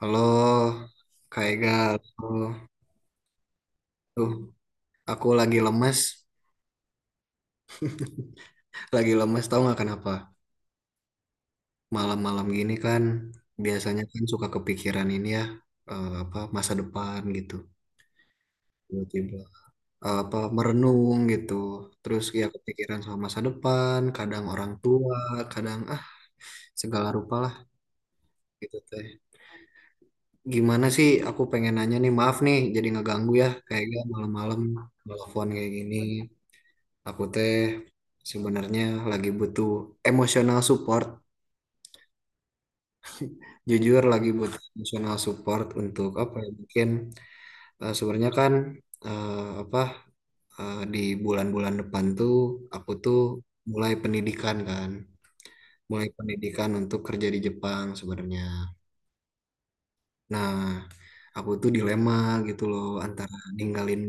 Halo, Kak Ega. Halo. Tuh, aku lagi lemes. Lagi lemes tahu nggak kenapa? Malam-malam gini kan biasanya kan suka kepikiran ini ya, apa masa depan gitu. Tiba-tiba apa merenung gitu. Terus ya kepikiran sama masa depan, kadang orang tua, kadang segala rupa lah gitu teh. Gimana sih, aku pengen nanya nih, maaf nih jadi ngeganggu ya Kak Ega, malam-malam telepon kayak gini. Aku teh sebenarnya lagi butuh emosional support. Jujur lagi butuh emosional support untuk apa ya? Mungkin sebenarnya kan, eh, apa, di bulan-bulan depan tuh aku tuh mulai pendidikan kan, mulai pendidikan untuk kerja di Jepang sebenarnya. Nah, aku tuh dilema gitu loh, antara ninggalin,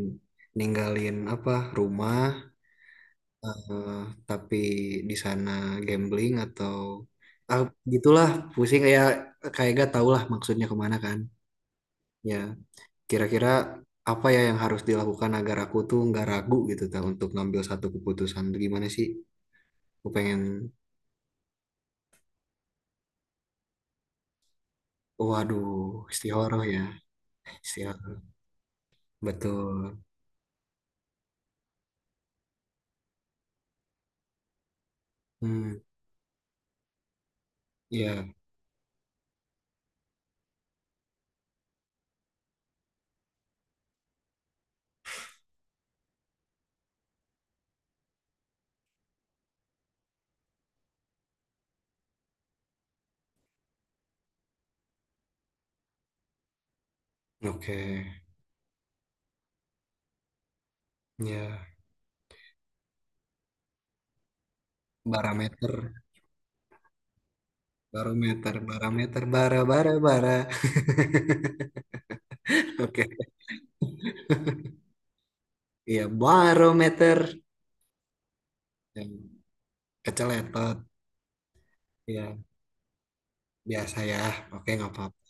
ninggalin apa, rumah, eh, tapi di sana gambling atau ah, gitulah, pusing ya, kayak gak tau lah maksudnya kemana kan. Ya, kira-kira apa ya yang harus dilakukan agar aku tuh nggak ragu gitu ta untuk ngambil satu keputusan? Gimana sih? Aku pengen, waduh, istihoroh ya, istihoroh, betul. Hmm, ya. Oke ya, barometer, barometer, barometer, bara, bara, bara. Oke, iya, barometer yang keceletot. Iya, biasa ya. Oke, nggak apa-apa.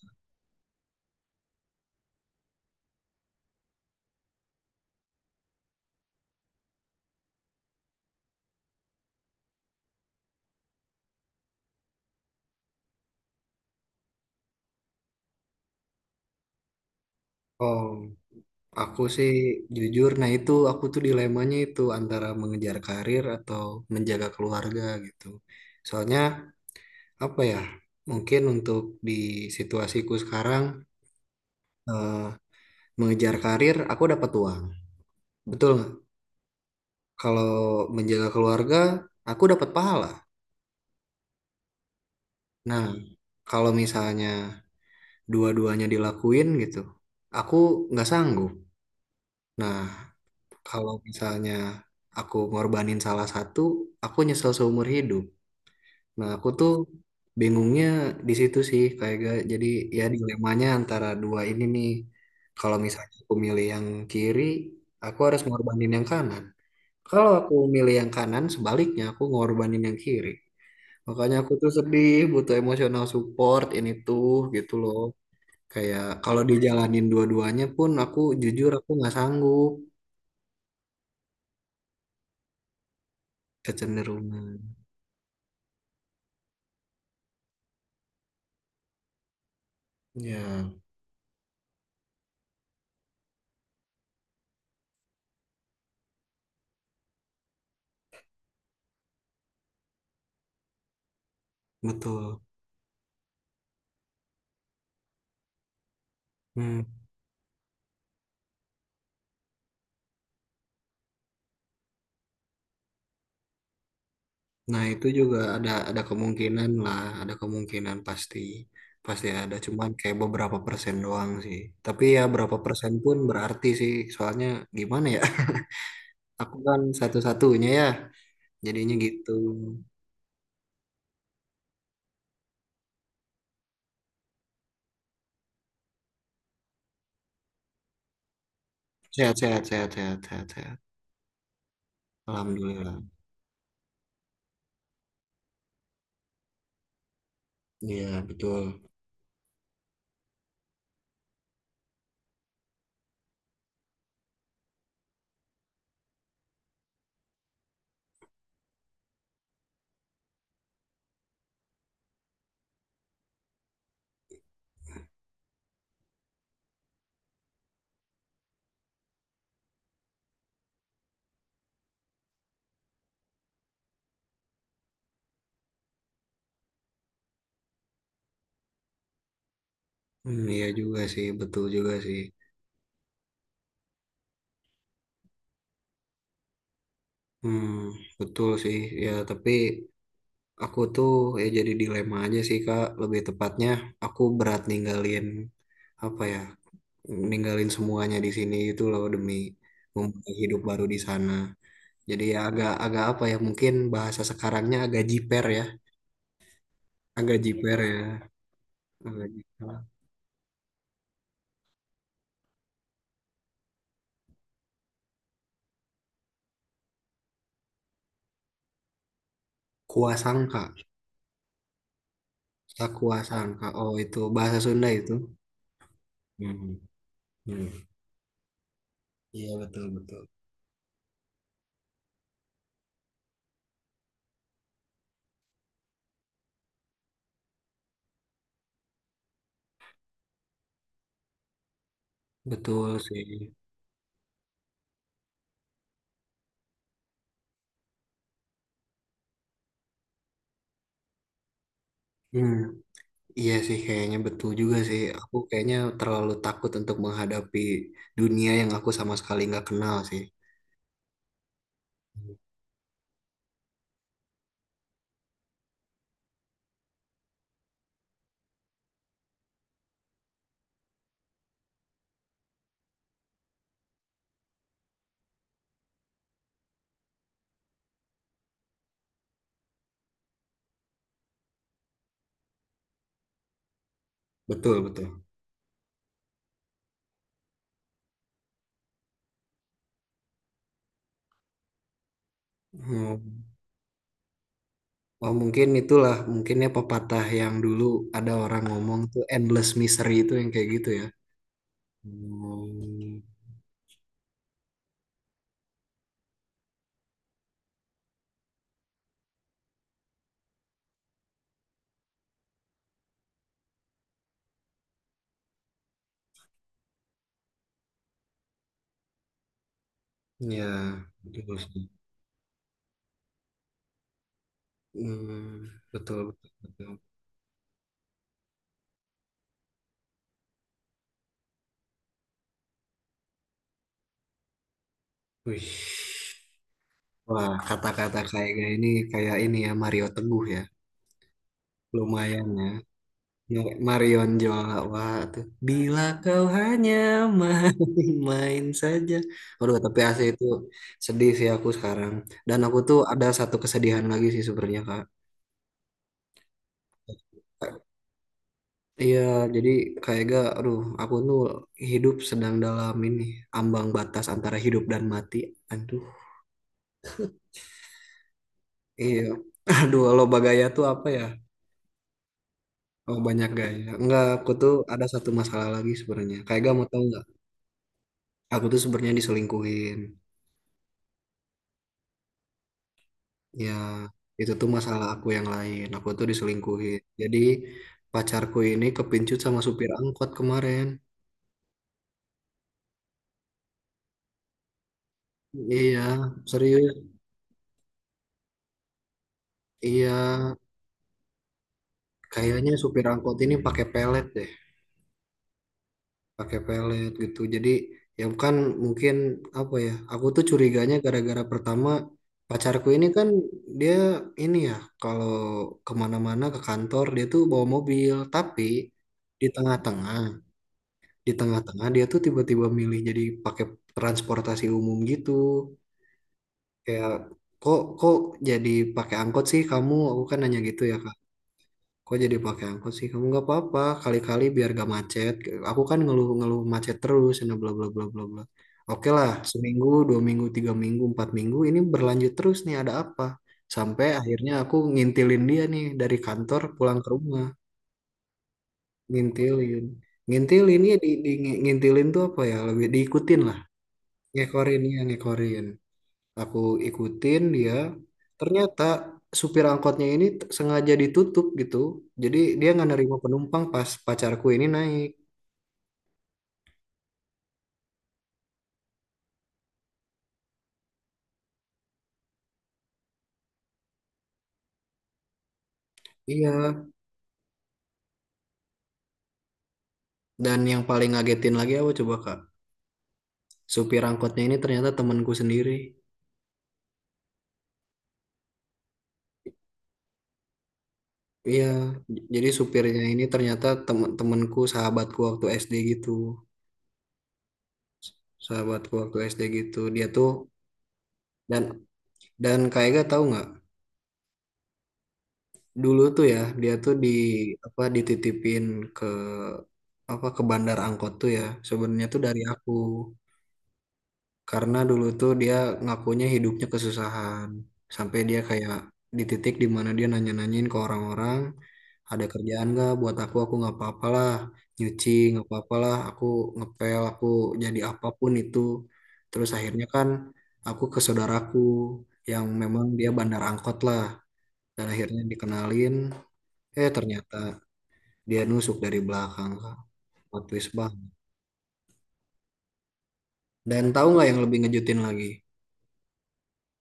Oh, aku sih jujur, nah itu aku tuh dilemanya itu antara mengejar karir atau menjaga keluarga gitu. Soalnya apa ya? Mungkin untuk di situasiku sekarang, eh, mengejar karir aku dapat uang. Betul nggak? Kalau menjaga keluarga aku dapat pahala. Nah, kalau misalnya dua-duanya dilakuin gitu, aku nggak sanggup. Nah, kalau misalnya aku ngorbanin salah satu, aku nyesel seumur hidup. Nah, aku tuh bingungnya di situ sih, kayak jadi ya, dilemanya antara dua ini nih. Kalau misalnya aku milih yang kiri, aku harus ngorbanin yang kanan. Kalau aku milih yang kanan, sebaliknya aku ngorbanin yang kiri. Makanya aku tuh sedih, butuh emosional support ini tuh gitu loh. Kayak kalau dijalanin dua-duanya pun aku jujur aku nggak sanggup. Kecenderungan. Ya. Betul. Hmm. Nah, itu juga ada kemungkinan lah, ada kemungkinan pasti, pasti ada, cuman kayak beberapa persen doang sih. Tapi ya berapa persen pun berarti sih, soalnya gimana ya? Aku kan satu-satunya ya, jadinya gitu. Sehat, sehat, sehat, sehat, sehat, sehat. Alhamdulillah. Iya, betul. Hmm, iya juga sih, betul juga sih. Hmm, betul sih. Ya, tapi aku tuh, ya jadi dilema aja sih Kak, lebih tepatnya aku berat ninggalin, apa ya, ninggalin semuanya di sini itu loh demi memulai hidup baru di sana. Jadi ya agak agak apa ya, mungkin bahasa sekarangnya agak jiper ya, agak jiper ya, agak jiper. Kuasangka, sakuasangka. Oh itu bahasa Sunda itu. Hmm. Hmm. Iya, betul, betul. Betul sih. Hmm. Iya sih, kayaknya betul juga sih. Aku kayaknya terlalu takut untuk menghadapi dunia yang aku sama sekali nggak kenal sih. Betul, betul. Hmm. Oh, mungkin itulah, mungkinnya pepatah yang dulu ada orang ngomong tuh endless misery itu yang kayak gitu ya. Hmm. Ya, betul sih. Hmm, betul, betul, betul. Wih. Wah, kata-kata kayak gini, kayak ini ya Mario Teguh ya. Lumayan ya. Yang kayak Marion Jawa tuh. Bila kau hanya main-main saja. Aduh, tapi AC itu, sedih sih aku sekarang. Dan aku tuh ada satu kesedihan lagi sih sebenarnya, Kak. Iya, jadi kayak gak, aduh, aku tuh hidup sedang dalam ini, ambang batas antara hidup dan mati. Aduh, iya. Aduh, loba gaya tuh apa ya? Oh, banyak gaya. Enggak, aku tuh ada satu masalah lagi sebenarnya. Kayak gak, mau tau nggak? Aku tuh sebenarnya diselingkuhin. Ya, itu tuh masalah aku yang lain. Aku tuh diselingkuhin. Jadi pacarku ini kepincut sama supir angkot kemarin. Iya, serius. Iya, kayaknya supir angkot ini pakai pelet deh, pakai pelet gitu. Jadi ya kan, mungkin apa ya? Aku tuh curiganya gara-gara pertama pacarku ini kan dia ini ya, kalau kemana-mana ke kantor dia tuh bawa mobil, tapi di tengah-tengah di tengah-tengah dia tuh tiba-tiba milih jadi pakai transportasi umum gitu. Kayak, kok kok jadi pakai angkot sih kamu, aku kan nanya gitu ya Kak, kok jadi pakai angkot sih kamu, nggak apa-apa kali-kali biar gak macet, aku kan ngeluh-ngeluh macet terus dan bla bla bla bla bla. Oke lah seminggu 2 minggu 3 minggu 4 minggu ini berlanjut terus nih, ada apa? Sampai akhirnya aku ngintilin dia nih dari kantor pulang ke rumah. Ngintilin, ngintilin ya, ngintilin tuh apa ya, lebih diikutin lah, ngekorin ya, ngekorin, aku ikutin dia. Ternyata supir angkotnya ini sengaja ditutup gitu, jadi dia nggak nerima penumpang pas pacarku ini naik. Iya. Dan yang paling ngagetin lagi apa coba Kak? Supir angkotnya ini ternyata temanku sendiri. Iya. Jadi supirnya ini ternyata temanku, sahabatku waktu SD gitu, sahabatku waktu SD gitu, dia tuh. Dan dan Kak Ega tahu nggak, dulu tuh ya dia tuh di, apa, dititipin ke, apa, ke bandar angkot tuh ya sebenarnya tuh dari aku. Karena dulu tuh dia ngakunya hidupnya kesusahan sampai dia kayak di titik di mana dia nanya-nanyain ke orang-orang, ada kerjaan nggak buat aku nggak apa-apalah nyuci, nggak apa-apalah aku ngepel aku, jadi apapun itu. Terus akhirnya kan aku ke saudaraku yang memang dia bandar angkot lah, dan akhirnya dikenalin, eh ternyata dia nusuk dari belakang, Kak. Plot twist banget. Dan tahu nggak yang lebih ngejutin lagi?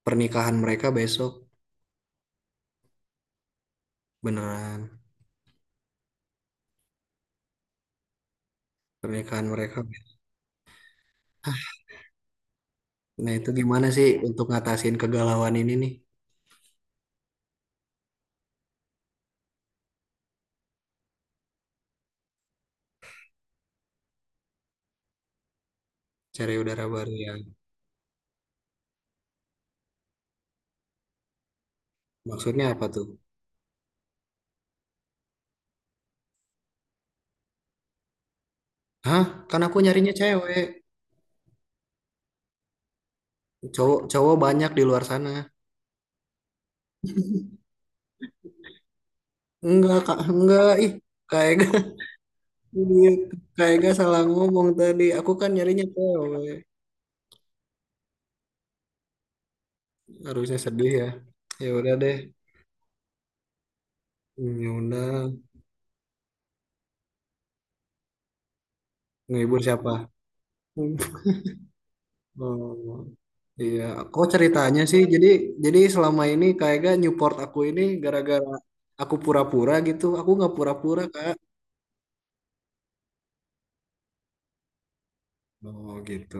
Pernikahan mereka besok. Beneran. Pernikahan mereka. Nah, itu gimana sih untuk ngatasin kegalauan ini nih? Cari udara baru ya. Maksudnya apa tuh? Hah? Kan aku nyarinya cewek. Cowok, cowok banyak di luar sana. Enggak, Kak. Enggak. Ih, kayak gak, kayak gak salah ngomong tadi. Aku kan nyarinya cewek. Harusnya sedih ya. Ya udah deh. Hmm, ya udah. Ngehibur siapa? Oh, iya, kok ceritanya sih? Jadi, selama ini kayaknya Newport aku ini gara-gara aku pura-pura gitu. Aku nggak pura-pura, Kak. Oh, gitu.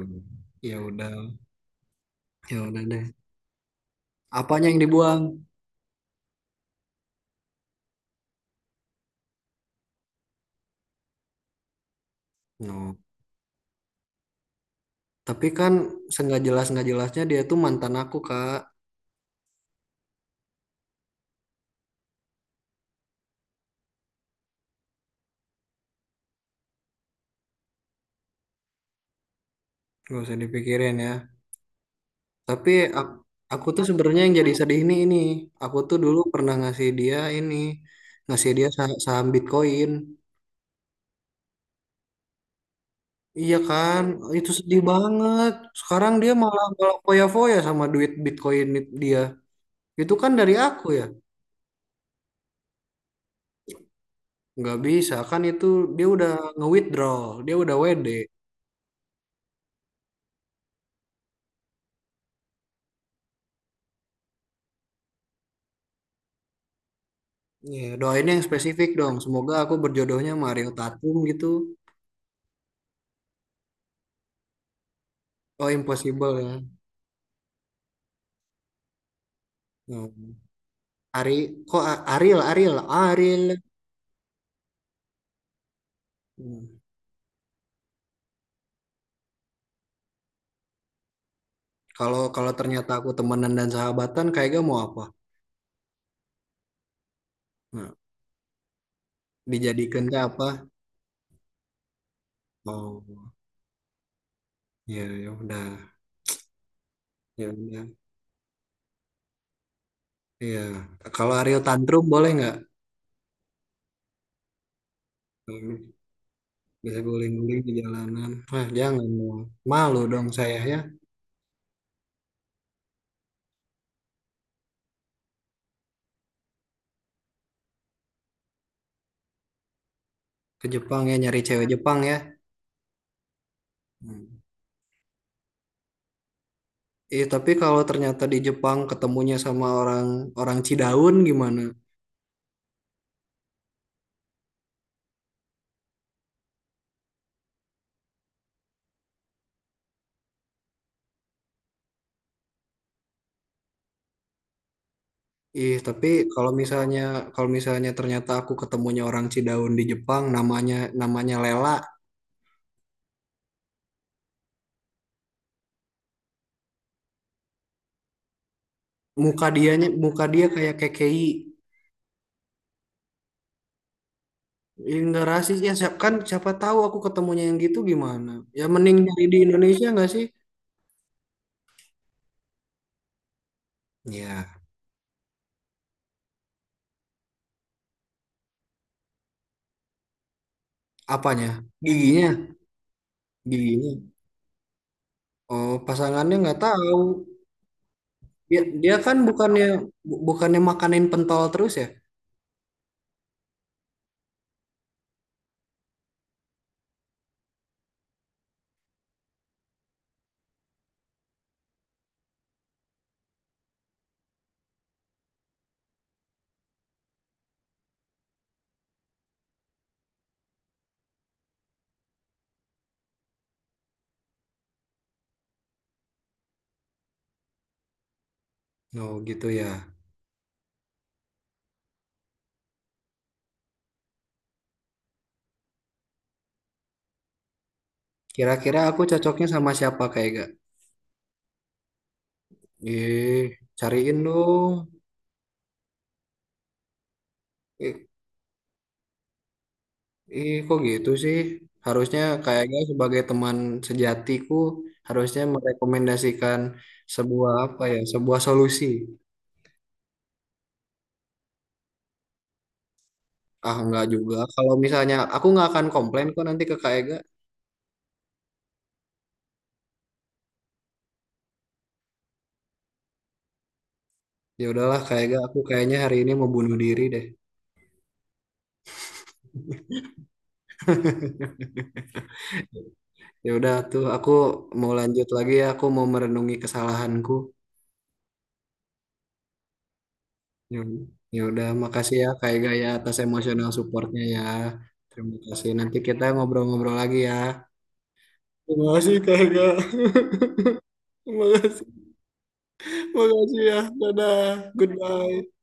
Ya udah, ya udah deh. Apanya yang dibuang? No. Tapi kan senggak jelas nggak jelasnya dia tuh mantan aku, Kak. Gak usah dipikirin ya. Tapi ak- aku tuh sebenarnya yang jadi sedih ini. Aku tuh dulu pernah ngasih dia ini, ngasih dia saham Bitcoin. Iya kan, itu sedih banget. Sekarang dia malah malah foya-foya sama duit Bitcoin dia. Itu kan dari aku ya. Nggak bisa kan itu, dia udah nge-withdraw, dia udah WD. Ya, doain yang spesifik dong. Semoga aku berjodohnya Mario Tatum gitu. Oh, impossible ya. Hmm. Ari, kok Ariel, Ariel, Ariel. Hmm. Kalau kalau ternyata aku temenan dan sahabatan, kayaknya mau apa? Nah, dijadikan apa? Oh, ya ya udah. Ya udah. Iya, kalau Ariel tantrum boleh nggak? Hmm. Bisa guling-guling di jalanan. Wah, jangan dong. Malu dong saya ya, ke Jepang ya nyari cewek Jepang ya. Hmm. Ih, tapi kalau ternyata di Jepang ketemunya sama orang, orang Cidaun gimana? Ih, tapi kalau misalnya, kalau misalnya ternyata aku ketemunya orang Cidaun di Jepang, namanya, namanya Lela, muka dianya muka dia kayak kekei. Ih, nggak rasis ya, siap kan siapa tahu aku ketemunya yang gitu gimana? Ya mending nyari di Indonesia nggak sih? Ya, apanya? Giginya, giginya. Oh, pasangannya nggak tahu. Dia kan bukannya bukannya makanin pentol terus ya? Oh, gitu ya. Kira-kira aku cocoknya sama siapa kayak gak? Ih, cariin dong. Ih, ih, kok gitu sih? Harusnya kayaknya sebagai teman sejatiku harusnya merekomendasikan sebuah apa ya, sebuah solusi. Ah, nggak juga. Kalau misalnya aku nggak akan komplain kok nanti ke KAEG. Ya udahlah kayaknya aku kayaknya hari ini mau bunuh diri deh. Ya udah tuh aku mau lanjut lagi ya, aku mau merenungi kesalahanku. Ya, ya udah makasih ya kayaknya ya atas emosional supportnya ya. Terima kasih. Nanti kita ngobrol-ngobrol lagi ya. Terima kasih kayaknya. Terima kasih. Terima kasih ya. Dadah. Goodbye.